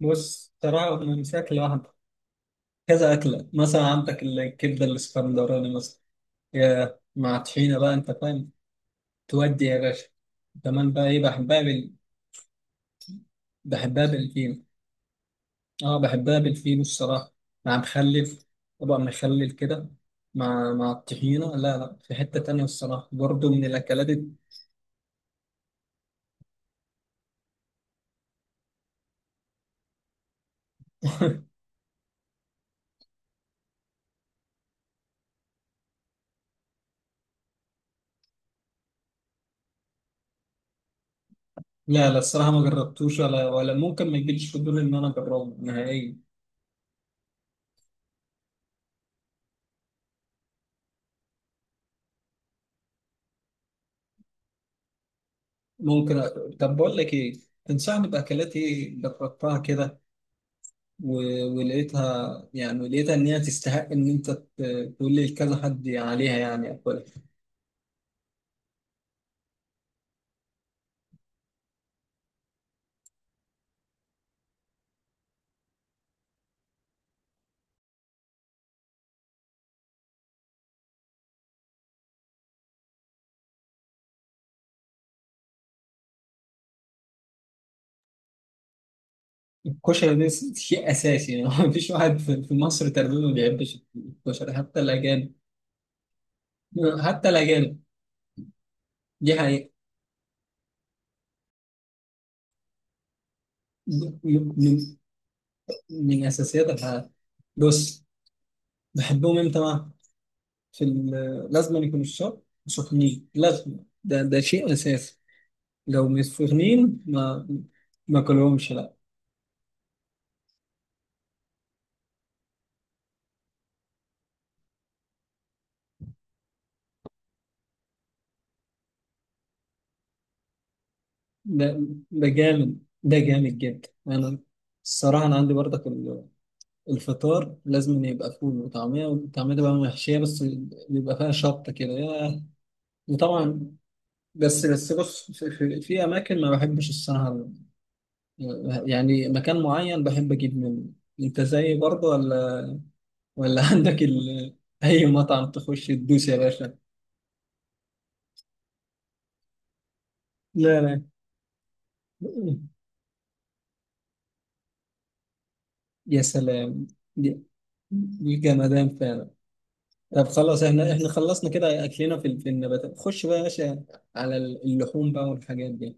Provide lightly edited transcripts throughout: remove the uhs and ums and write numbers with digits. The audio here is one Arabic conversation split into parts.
بص صراحة من شكل واحد، كذا أكلة. مثلا عندك الكبدة الإسكندراني مثلا، يا مع طحينة بقى أنت فاهم. تودي يا باشا. كمان بقى إيه، بحبها بالفين. أه بحبها بالفين الصراحة، مع مخلف طبق مخلل كده، مع الطحينة. لا لا، في حتة تانية الصراحة، برضه من لا لا الصراحة ما جربتوش، ولا ممكن ما يجيليش فضول إن أنا أجربه نهائيا. ممكن أ... طب بقول لك إيه، تنصحني بأكلات إيه جربتها كده ولقيتها، يعني لقيتها ان هي تستحق ان انت تقول لي كذا حد عليها، يعني اكلها. الكشري ده شيء اساسي يعني. ما فيش واحد في مصر تقريبا ما بيحبش الكشري، حتى الاجانب. حتى الاجانب، دي حقيقة. من من من اساسيات الحياة. بص، بحبهم امتى بقى؟ في لازم يكونوا الشرب سخنين، لازم. ده شيء اساسي. لو مش سخنين، ما كلهمش. ده ده جامد، ده جامد جدا. انا الصراحه انا عندي برضك الفطار لازم إن يبقى فول وطعميه، والطعميه تبقى محشيه، بس بيبقى فيها شطه كده. ياه. وطبعا، بس بص، في اماكن ما بحبش الصراحه، يعني مكان معين بحب اجيب منه. انت زيي برضه ولا ولا؟ اي مطعم تخش تدوس يا باشا؟ لا لا. يا سلام، دي جمدان فعلا. طب خلاص، احنا خلصنا كده، اكلنا في النباتات. خش بقى يا باشا على اللحوم بقى والحاجات دي.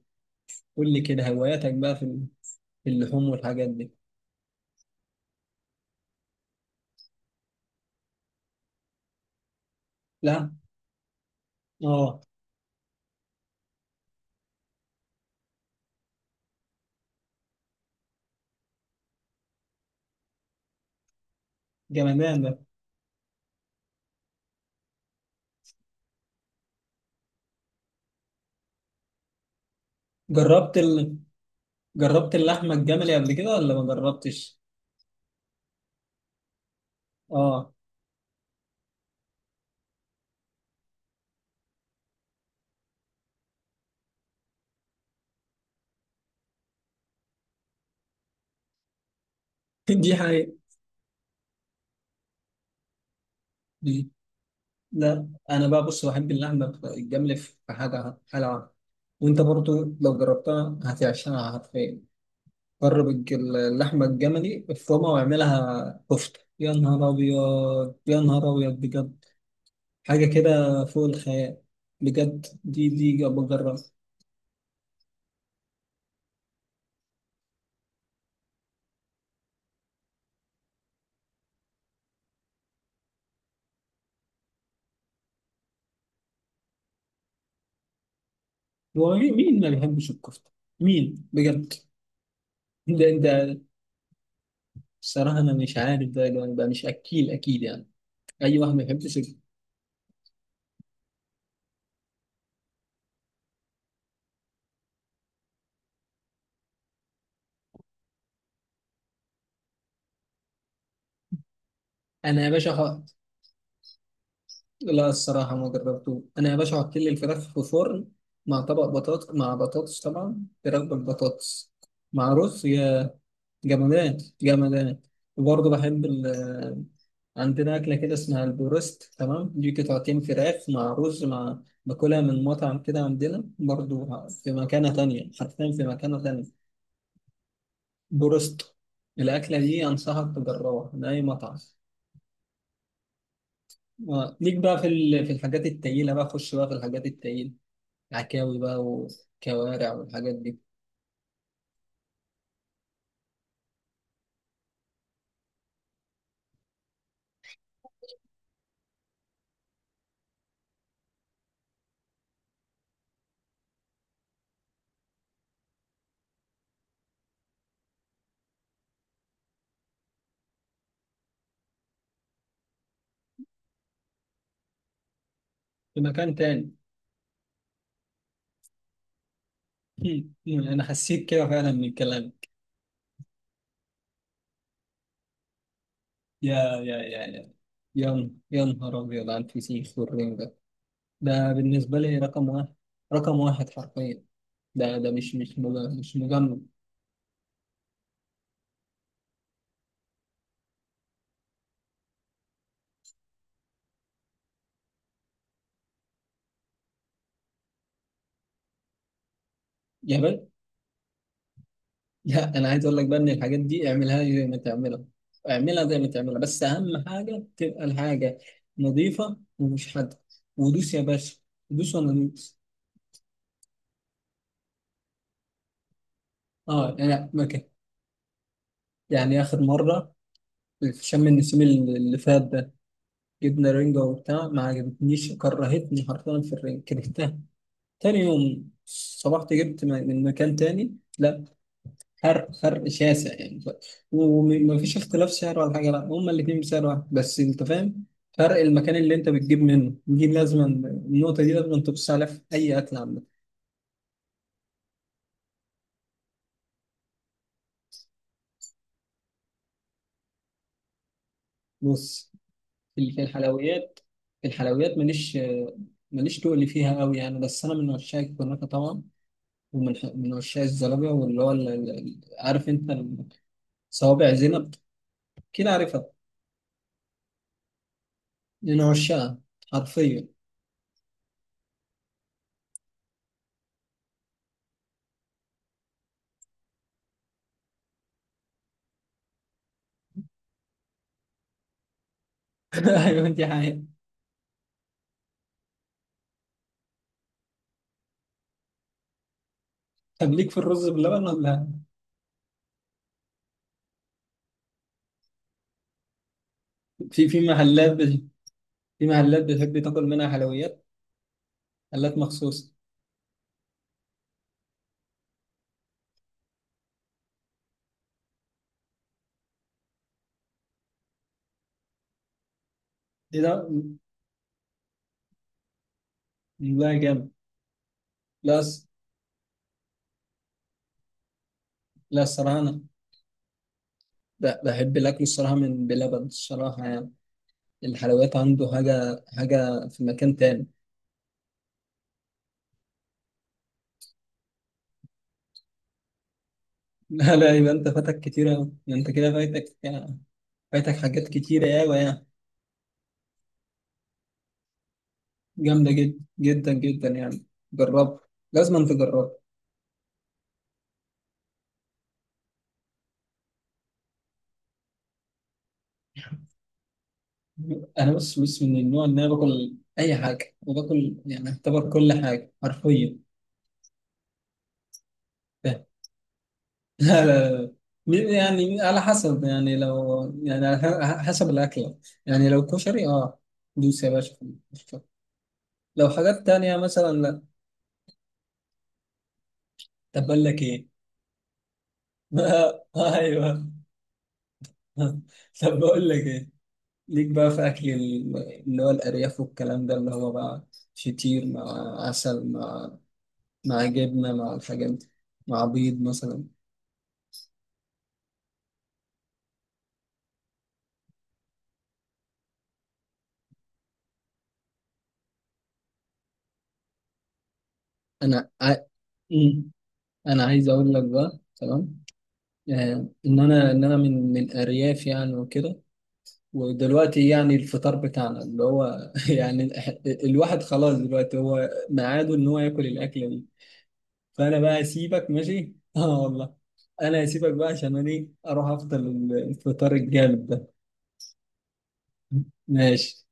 قول لي كده هواياتك بقى في في اللحوم والحاجات دي. لا. اه، جمدان ده. جربت ال... جربت اللحمه الجملي قبل كده ولا ما جربتش؟ اه. دي حقيقة. دي. لا انا بقى، بص، بحب اللحمه الجملي، في حاجه حلوه. وانت برضو لو جربتها هتعشقها حرفيا. جرب اللحمة الجملي، افرمها واعملها كفتة، يا نهار أبيض، يا نهار أبيض بجد، حاجة كده فوق الخيال. بجد، دي بجرب. هو مين ما بيحبش الكفتة؟ مين بجد؟ ده ده الصراحة أنا مش عارف، ده مش أكيل أكيد يعني. أي واحد ما يحبش أنا يا باشا حط. لا الصراحة ما جربته. أنا يا باشا حط لي الفراخ في فرن، مع طبق بطاطس، مع بطاطس، طبعا فراخ بالبطاطس، مع رز يا جمادات، جمادات. وبرضه بحب ال، عندنا أكلة كده اسمها البروست. تمام، دي قطعتين فراخ مع رز مع، باكلها من مطعم كده عندنا برضه، في مكانة تانية حرفيا، في مكانة تانية. بروست. الأكلة دي أنصحك تجربها من أي مطعم. آه، ليك بقى في في الحاجات التقيلة بقى، خش بقى في الحاجات التقيلة، عكاوي بقى وكوارع والحاجات دي. في مكان تاني. أنا حسيت كده فعلا من الكلام. يا يا نهار أبيض على الفسيخ والرنجة ده. ده بالنسبة لي رقم واحد، رقم واحد حرفيا. ده، ده مش مجمد. يا بل، لا أنا عايز أقول لك بقى إن الحاجات دي اعملها زي ما تعملها، اعملها زي ما تعملها، بس أهم حاجة تبقى الحاجة نظيفة ومش حادة، ودوس يا باشا، دوس وأنا دوس. أه، أنا مكان، يعني آخر مرة في شم النسيم اللي فات ده، جبنا رنجة وبتاع ما عجبتنيش، كرهتني حرفيا في الرنجة، كرهتها. تاني يوم صبحت جبت من مكان تاني، لا، فرق شاسع يعني. ومفيش اختلاف سعر ولا حاجة، لا هما الاتنين بسعر واحد، بس انت فاهم، فرق المكان اللي انت بتجيب منه دي، لازما النقطة دي لازما تبص عليها في أي أكل عامة. بص، في الحلويات، في الحلويات ماليش، ماليش تقل فيها قوي يعني، بس أنا من عشاق الكنافة طبعا. ومن عشاق الزلابية، واللي هو عارف انت، صوابع زينب، كده عارفها. من عشاقها حرفيا. ايوه انت، حقيقة. طب ليك في الرز باللبن ولا؟ في في محلات بتحب تاكل منها حلويات؟ محلات مخصوص. ايه ده، لا جامد. لا الص- لا الصراحه انا بحب الاكل الصراحه من بلبن الصراحه يعني. الحلويات عنده حاجه، حاجه في مكان تاني. لا لا، يبقى انت فاتك كتير أوي، انت كده فايتك يعني، فايتك حاجات كتير قوي يعني. جامده جدا، جدا جدا يعني. جربها، لازم تجربها. انا بص، بص من النوع ان انا باكل اي حاجه وباكل، يعني اعتبر كل حاجه حرفيا. لا لا لا. مين- يعني على حسب، يعني لو، يعني على حسب الاكله. يعني لو كشري، اه، دوس يا باشا في الكشري. لو حاجات تانية مثلا، لا. طب بقول لك ايه. ايوه. طب بقول لك ايه، ليك بقى في اكل اللي هو الارياف والكلام ده، اللي هو بقى فطير مع عسل، مع مع جبنه، مع الحاجات دي، مع بيض مثلا. انا ع... مم. انا عايز اقول لك بقى، تمام، آه ان انا ان انا من ارياف يعني وكده، ودلوقتي يعني الفطار بتاعنا اللي هو يعني الواحد خلاص دلوقتي هو ميعاده ان هو ياكل الاكله دي. فانا بقى اسيبك ماشي. اه والله، انا هسيبك بقى عشان انا ايه، اروح افطر الفطار الجامد ده. ماشي.